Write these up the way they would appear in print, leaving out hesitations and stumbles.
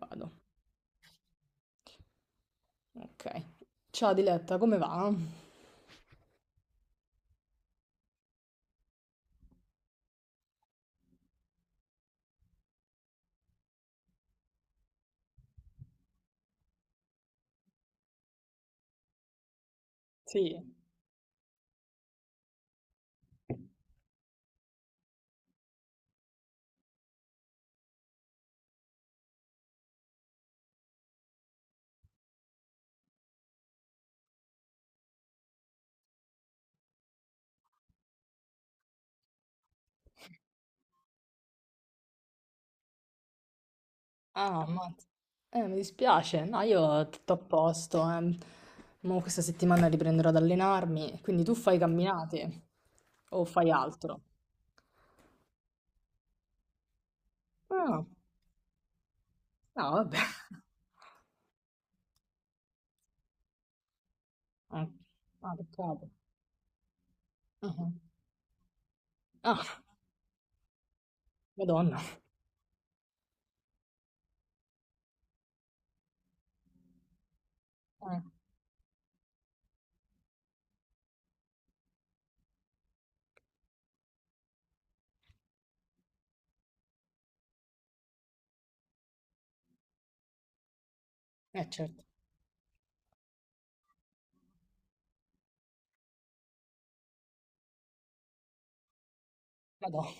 Vado, ok. Ciao Diletta, come va? Sì. Ah, ammazza. Mi dispiace. No, io tutto a posto, eh. Mo questa settimana riprenderò ad allenarmi, quindi tu fai camminate o fai altro? Ah, no, vabbè. Ah, ah, peccato. Ah, ah. Ah. Madonna. Eh, certo. Madonna.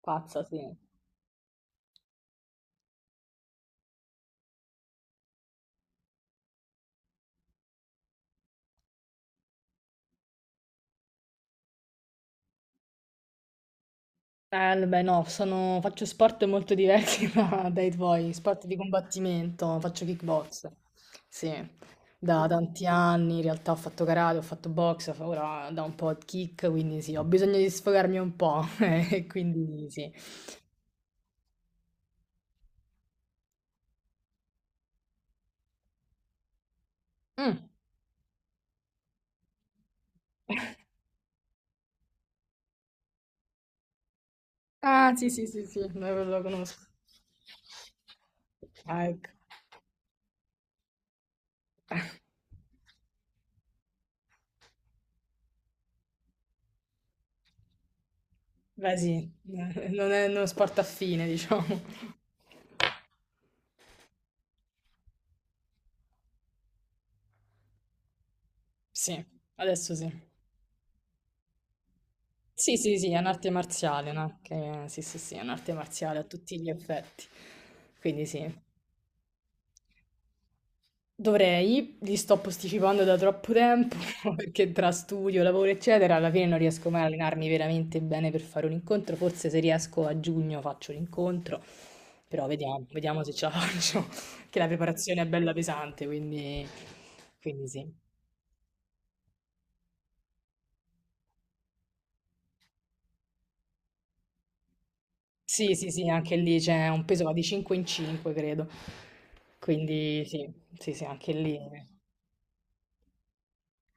Pazza, sì. Beh, no, faccio sport molto diversi dai tuoi, sport di combattimento, faccio kickbox, sì, da tanti anni, in realtà ho fatto karate, ho fatto box, ora da un po' di kick, quindi sì, ho bisogno di sfogarmi un po', e quindi sì. Mm. Ah, sì, sì, sì, sì, lo conosco. Ah, ecco. Beh, sì, non è uno sport affine, diciamo. Sì, adesso sì. Sì, sì, sì, è un'arte marziale, no? Che- sì, sì, sì, è un'arte marziale a tutti gli effetti. Quindi sì, dovrei, li sto posticipando da troppo tempo perché tra studio, lavoro, eccetera, alla fine non riesco mai a allenarmi veramente bene per fare un incontro. Forse se riesco a giugno faccio l'incontro, però vediamo, vediamo se ce la faccio, che la preparazione è bella pesante, quindi sì. Sì, sì, sì, anche lì c'è un peso va di 5 in 5, credo. Quindi sì, sì, sì, anche lì.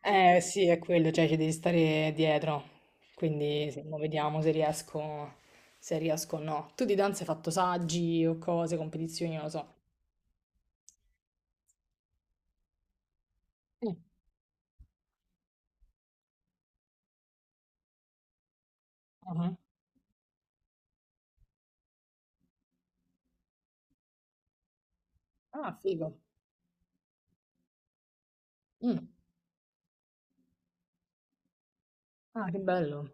Eh sì, è quello, cioè ci devi stare dietro, quindi mo vediamo se riesco, se riesco o no. Tu di danza hai fatto saggi o cose, competizioni, non lo so. Mm. Ah. Ah, figo. Mm. Ah, che bello.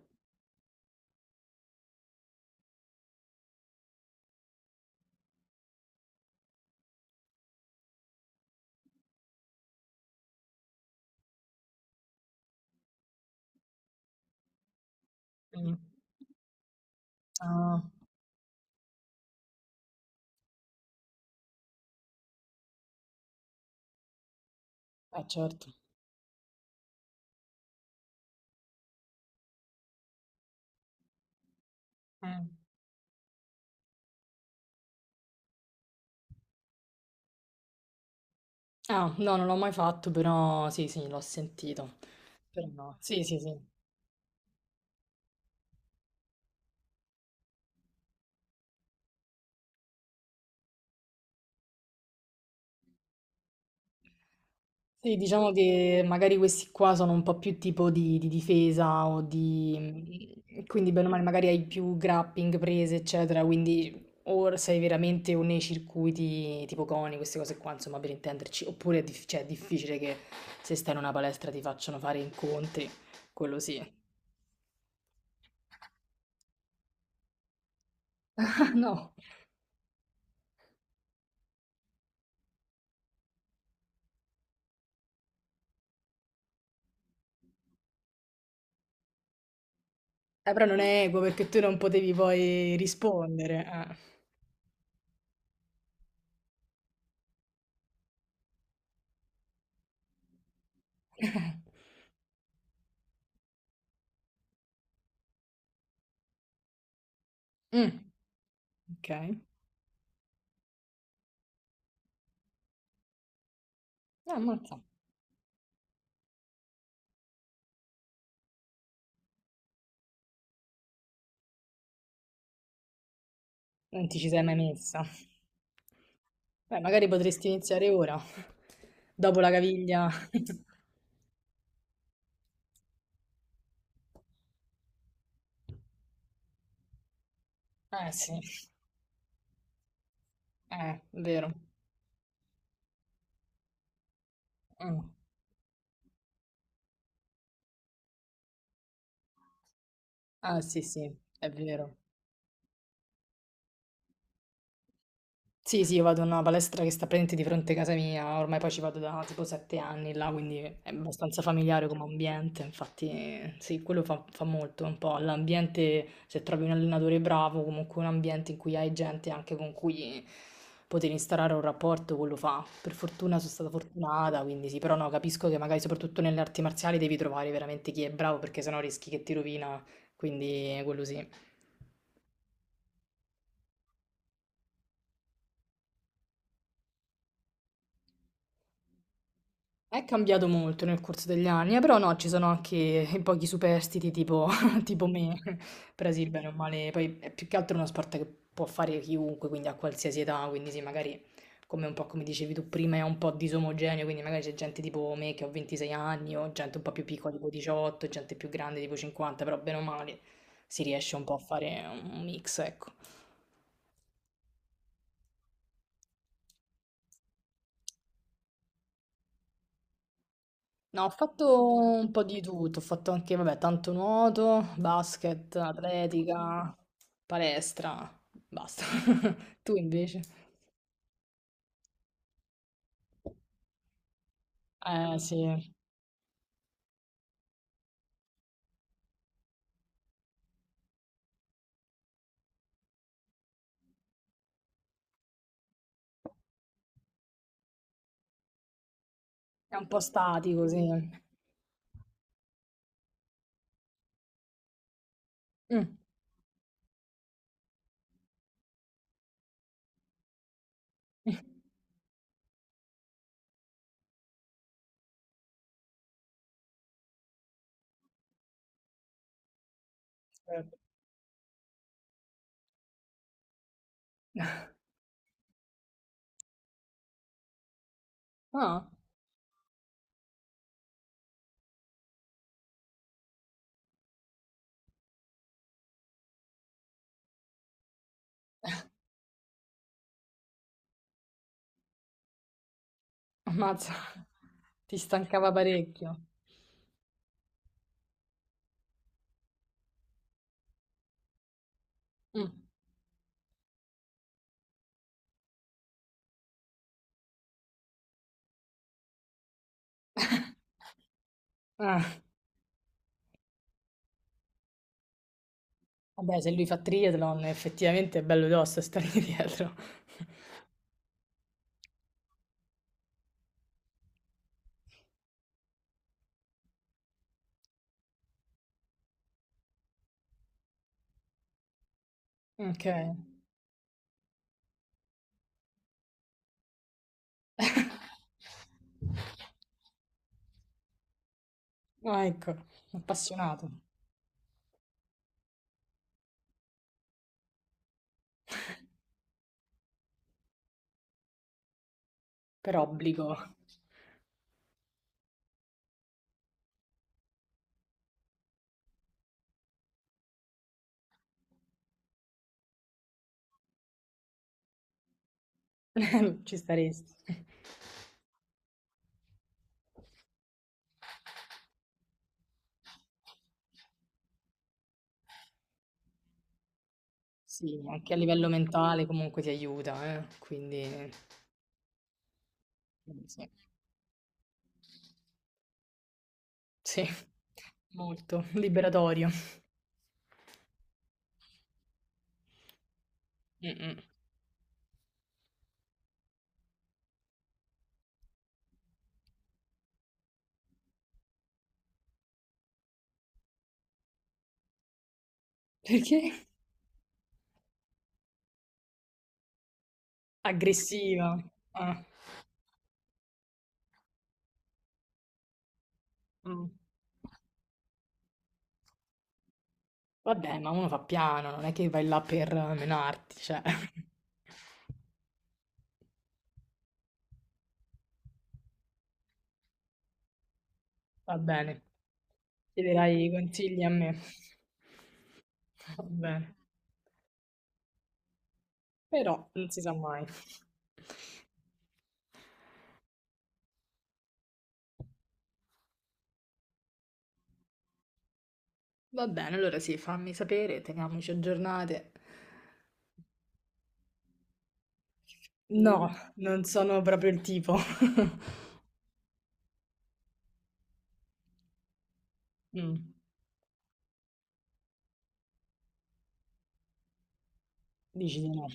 Mm. Ah, certo. Mm. Ah, no, non l'ho mai fatto, però sì, sì, l'ho sentito. Però no. Sì, sì, sì. Sì, diciamo che magari questi qua sono un po' più tipo di difesa o di... quindi bene o male magari hai più grappling prese, eccetera, quindi o sei veramente o nei circuiti tipo coni, queste cose qua, insomma, per intenderci, oppure è, cioè, è difficile che se stai in una palestra ti facciano fare incontri, quello sì. No. Però non è equo perché tu non potevi poi rispondere. Eh. Mm, ok, ah, ammazza, non ti ci sei mai messa. Beh, magari potresti iniziare ora, dopo la caviglia. Eh sì, vero. Mm. Ah sì, sì, è vero. Sì, sì, io vado in una palestra che sta praticamente di fronte a casa mia, ormai poi ci vado da tipo 7 anni là, quindi è abbastanza familiare come ambiente, infatti sì, quello fa molto un po', l'ambiente, se trovi un allenatore bravo, comunque un ambiente in cui hai gente anche con cui poter instaurare un rapporto, quello fa. Per fortuna sono stata fortunata, quindi sì, però no, capisco che magari soprattutto nelle arti marziali devi trovare veramente chi è bravo, perché sennò rischi che ti rovina, quindi quello sì. È cambiato molto nel corso degli anni, però no, ci sono anche i pochi superstiti tipo, tipo me, però sì, bene o male, poi è più che altro uno sport che può fare chiunque, quindi a qualsiasi età, quindi sì, magari come un po' come dicevi tu prima è un po' disomogeneo, quindi magari c'è gente tipo me che ho 26 anni o gente un po' più piccola tipo 18, gente più grande tipo 50, però bene o male si riesce un po' a fare un mix, ecco. No, ho fatto un po' di tutto, ho fatto anche, vabbè, tanto nuoto, basket, atletica, palestra, basta. Tu invece? Eh sì, è un po' statico, sì. Mm. Certo. Ah, ammazza, ti stancava parecchio. Mm. Ah, vabbè, se lui fa triathlon, effettivamente è bello tosto stare dietro. Ok. Ah, ecco, appassionato. Per obbligo. Ci staresti. Sì, anche a livello mentale comunque ti aiuta, quindi sì. Sì, molto liberatorio. Mh-mh. Perché? Aggressiva. Ah, mh. Vabbè, ma uno fa piano, non è che vai là per menarti, cioè. Va bene. Chiederai i consigli a me. Va bene. Però non si sa mai. Va bene, allora sì, fammi sapere, teniamoci aggiornate. No, non sono proprio il tipo. Mm, dici di no.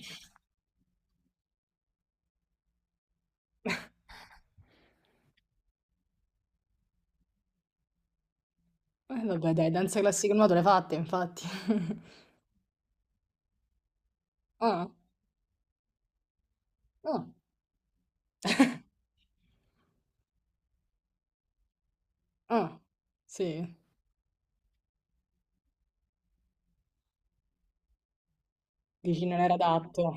Vabbè, dai, danza classica e nuoto le fatte, infatti. Ah, ah, ah, sì. Dici non era adatto.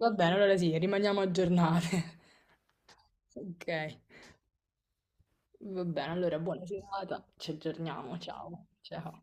Va bene, allora sì, rimaniamo aggiornate. Ok, va bene, allora buona serata, ci aggiorniamo, ciao, ciao.